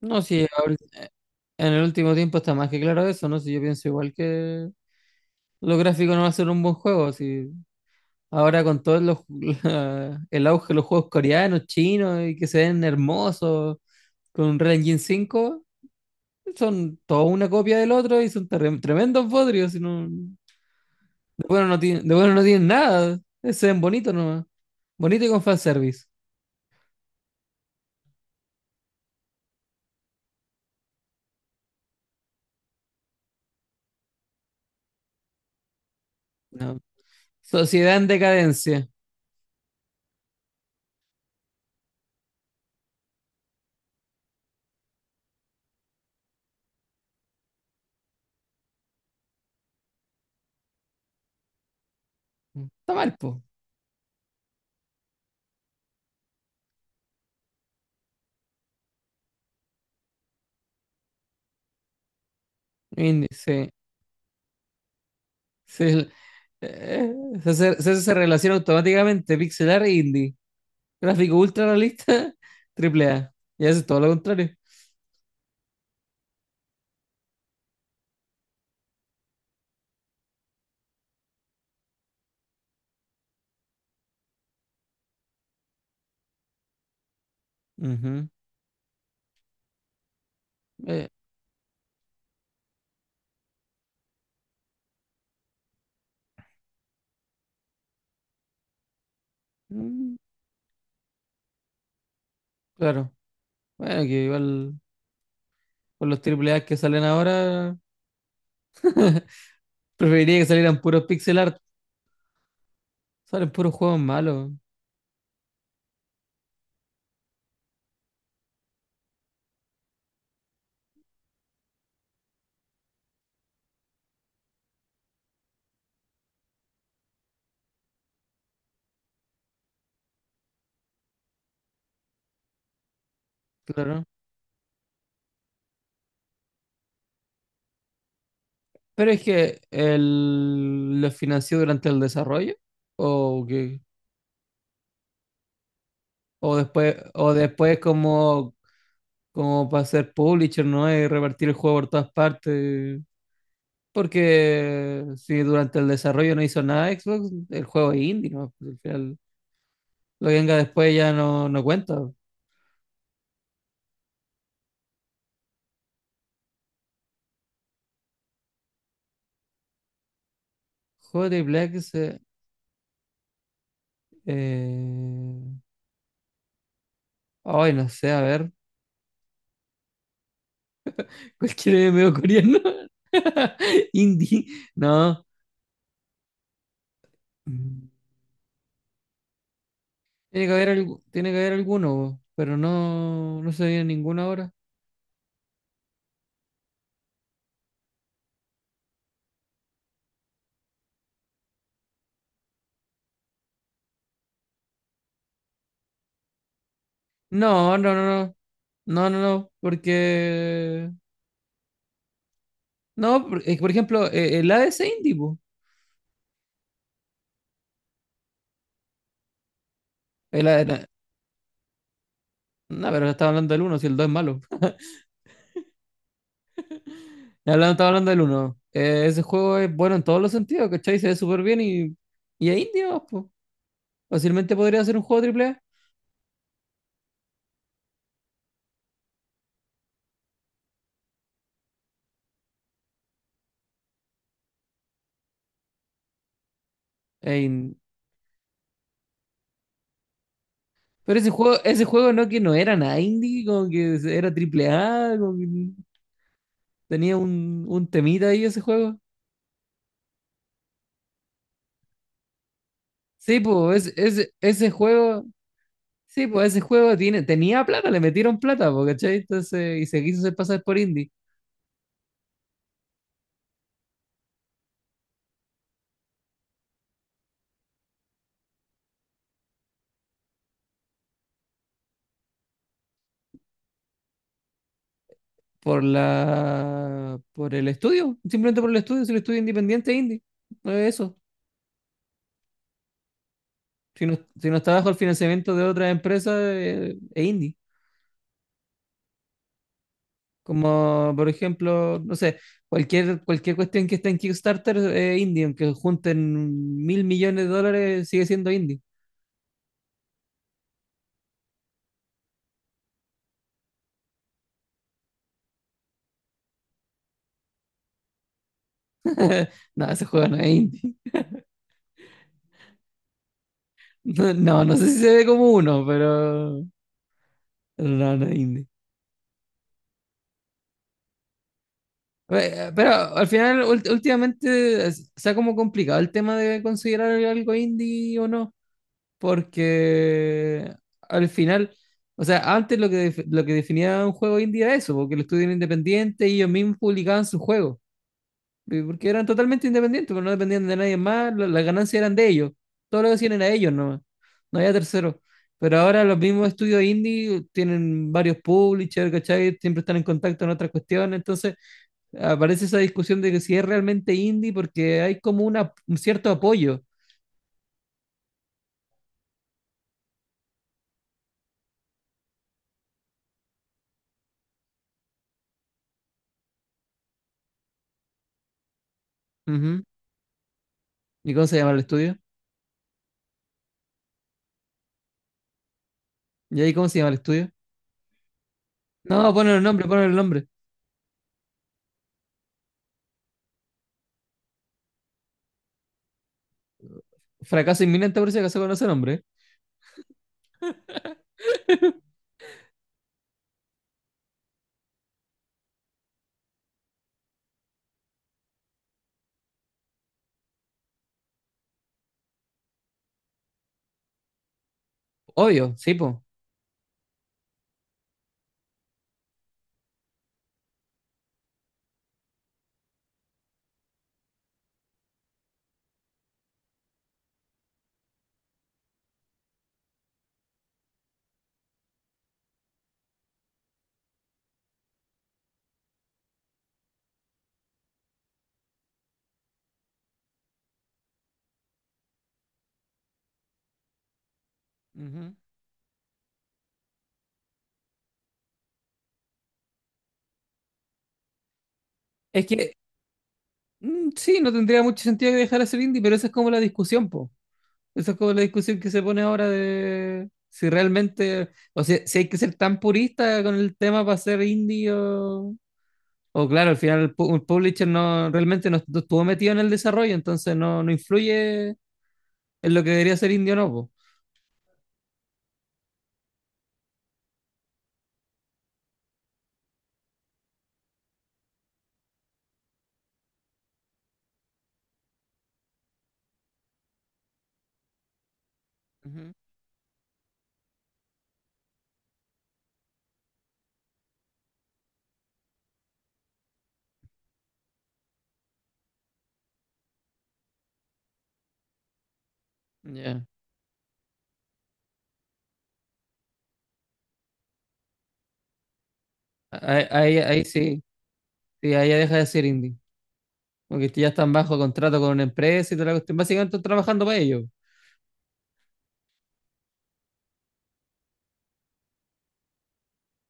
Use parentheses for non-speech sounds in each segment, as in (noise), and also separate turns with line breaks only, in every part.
No, sí, en el último tiempo está más que claro eso, ¿no? Si yo pienso igual que los gráficos no va a ser un buen juego, si ahora con todos los (laughs) el auge de los juegos coreanos, chinos y que se ven hermosos con un Unreal Engine 5, son toda una copia del otro y son tremendos bodrios, y de de bueno no tienen nada, se ven bonitos nomás, bonito y con fanservice. No. Sociedad en decadencia. Está mal, po. Sí. Sí, Eh, se hace esa relación automáticamente, pixelar e indie. Gráfico ultra realista, (laughs) triple A. Y hace todo lo contrario. Ujú. Eh, mm, claro. Bueno, que igual con los triple A que salen ahora, (laughs) preferiría que salieran puros pixel art. Salen puros juegos malos, claro. Pero es que los financió durante el desarrollo. O que, o después como para ser publisher, ¿no? Y repartir el juego por todas partes. Porque si durante el desarrollo no hizo nada Xbox, el juego es indie, ¿no? Pues al final, lo que venga después ya no cuenta. Juego de Black se- eh, ay, no sé, a ver. (laughs) Cualquier medio coreano. (laughs) Indie. No. Tiene tiene que haber alguno, bo, pero no se viene ninguno ahora. No, no, no, no. No, no, no. Porque. No, por ejemplo, el ADC Indie, po. El, A- No, pero estaba hablando del uno, si el 2 es malo. (laughs) Estaba hablando del uno. Ese juego es bueno en todos los sentidos, ¿cachai? Se ve súper bien y es indie, nomás, po. Fácilmente podría ser un juego triple A. e in- Pero ese juego no que no era nada indie, como que era triple A, como que tenía un temita ahí ese juego. Sí, pues, ese juego, sí, pues ese juego tiene, tenía plata, le metieron plata, po, ¿cachai? Entonces, y se quiso hacer pasar por indie. Por el estudio, simplemente por el estudio, si el estudio es independiente es indie, no es eso. Si no, si no está bajo el financiamiento de otras empresas, es indie. Como por ejemplo, no sé, cualquier cuestión que esté en Kickstarter es indie, aunque junten mil millones de dólares, sigue siendo indie. (laughs) No, ese juego no es indie. (laughs) No, no, no sé si se ve como uno, pero no es indie. Pero al final, últimamente, se ha como complicado el tema de considerar algo indie o no, porque al final, o sea, antes lo que definía un juego indie era eso, porque el estudio era independiente y ellos mismos publicaban sus juegos, porque eran totalmente independientes, porque no dependían de nadie más, las ganancias eran de ellos, todo lo que hacían era ellos nomás, no había terceros. Pero ahora los mismos estudios indie tienen varios publishers, ¿cachai? Siempre están en contacto en otras cuestiones, entonces aparece esa discusión de que si es realmente indie, porque hay como un cierto apoyo. Ujú. ¿Y cómo se llama el estudio? ¿Y ahí cómo se llama el estudio? No, ponen el nombre, ponen el nombre. Fracaso inminente por si acaso con ese nombre. Obvio, sí, po. Ujú. Es que sí, no tendría mucho sentido que dejara ser indie, pero esa es como la discusión, po. Esa es como la discusión que se pone ahora de si realmente, o sea, si hay que ser tan purista con el tema para ser indie o claro, al final el publisher no realmente no estuvo metido en el desarrollo, entonces no influye en lo que debería ser indie o no, po. Ujú. Ya. Ahí sí, sí, ahí ya deja de ser indie. Porque ya están bajo contrato con una empresa y toda la cuestión. Básicamente están trabajando para ellos.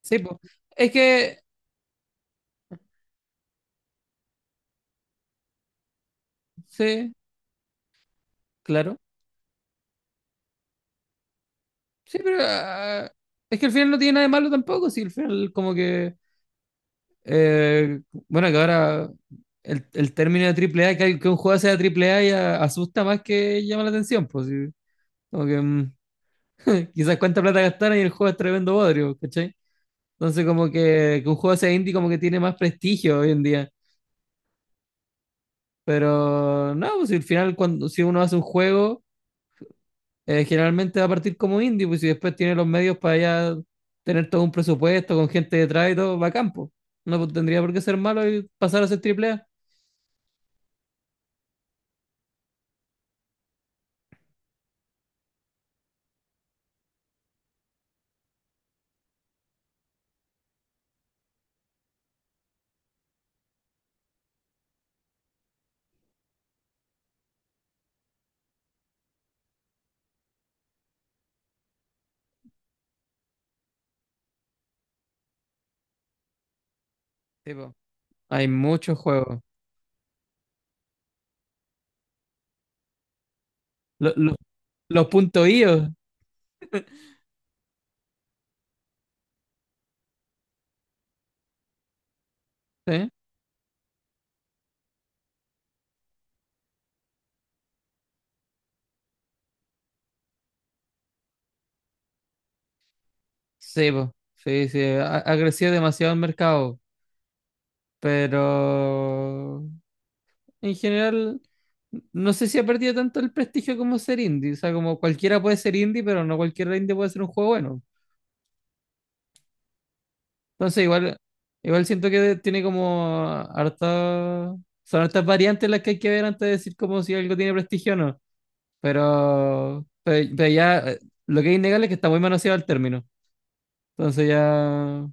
Sí, pues. Es que, sí, claro. Sí, pero es que al final no tiene nada de malo tampoco. Sí, al final como que Eh, bueno, que ahora el término de triple A, que un juego sea triple A ya asusta más que llama la atención, pues sí. Como que (laughs) quizás cuánta plata gastaron y el juego es tremendo bodrio, ¿cachai? Entonces como que un juego sea indie como que tiene más prestigio hoy en día. Pero no, pues si al final cuando si uno hace un juego, generalmente va a partir como indie, pues si después tiene los medios para ya tener todo un presupuesto con gente detrás y todo, va a campo. No pues, tendría por qué ser malo y pasar a ser triple A. Sí, po. Hay muchos juegos. Lo- lo- los puntos IO, ¿sí? Sí, po. Sí, sí, ha crecido demasiado el mercado, pero en general no sé si ha perdido tanto el prestigio como ser indie, o sea, como cualquiera puede ser indie, pero no cualquier indie puede ser un juego bueno. Entonces, igual igual siento que tiene como harta son hartas variantes las que hay que ver antes de decir como si algo tiene prestigio o no, pero ya lo que es innegable es que está muy manoseado el término. Entonces ya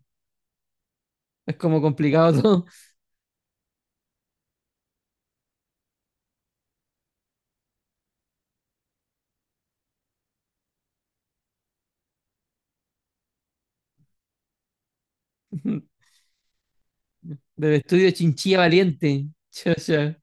es como complicado todo. (laughs) Del estudio Chinchilla Valiente. Chucha.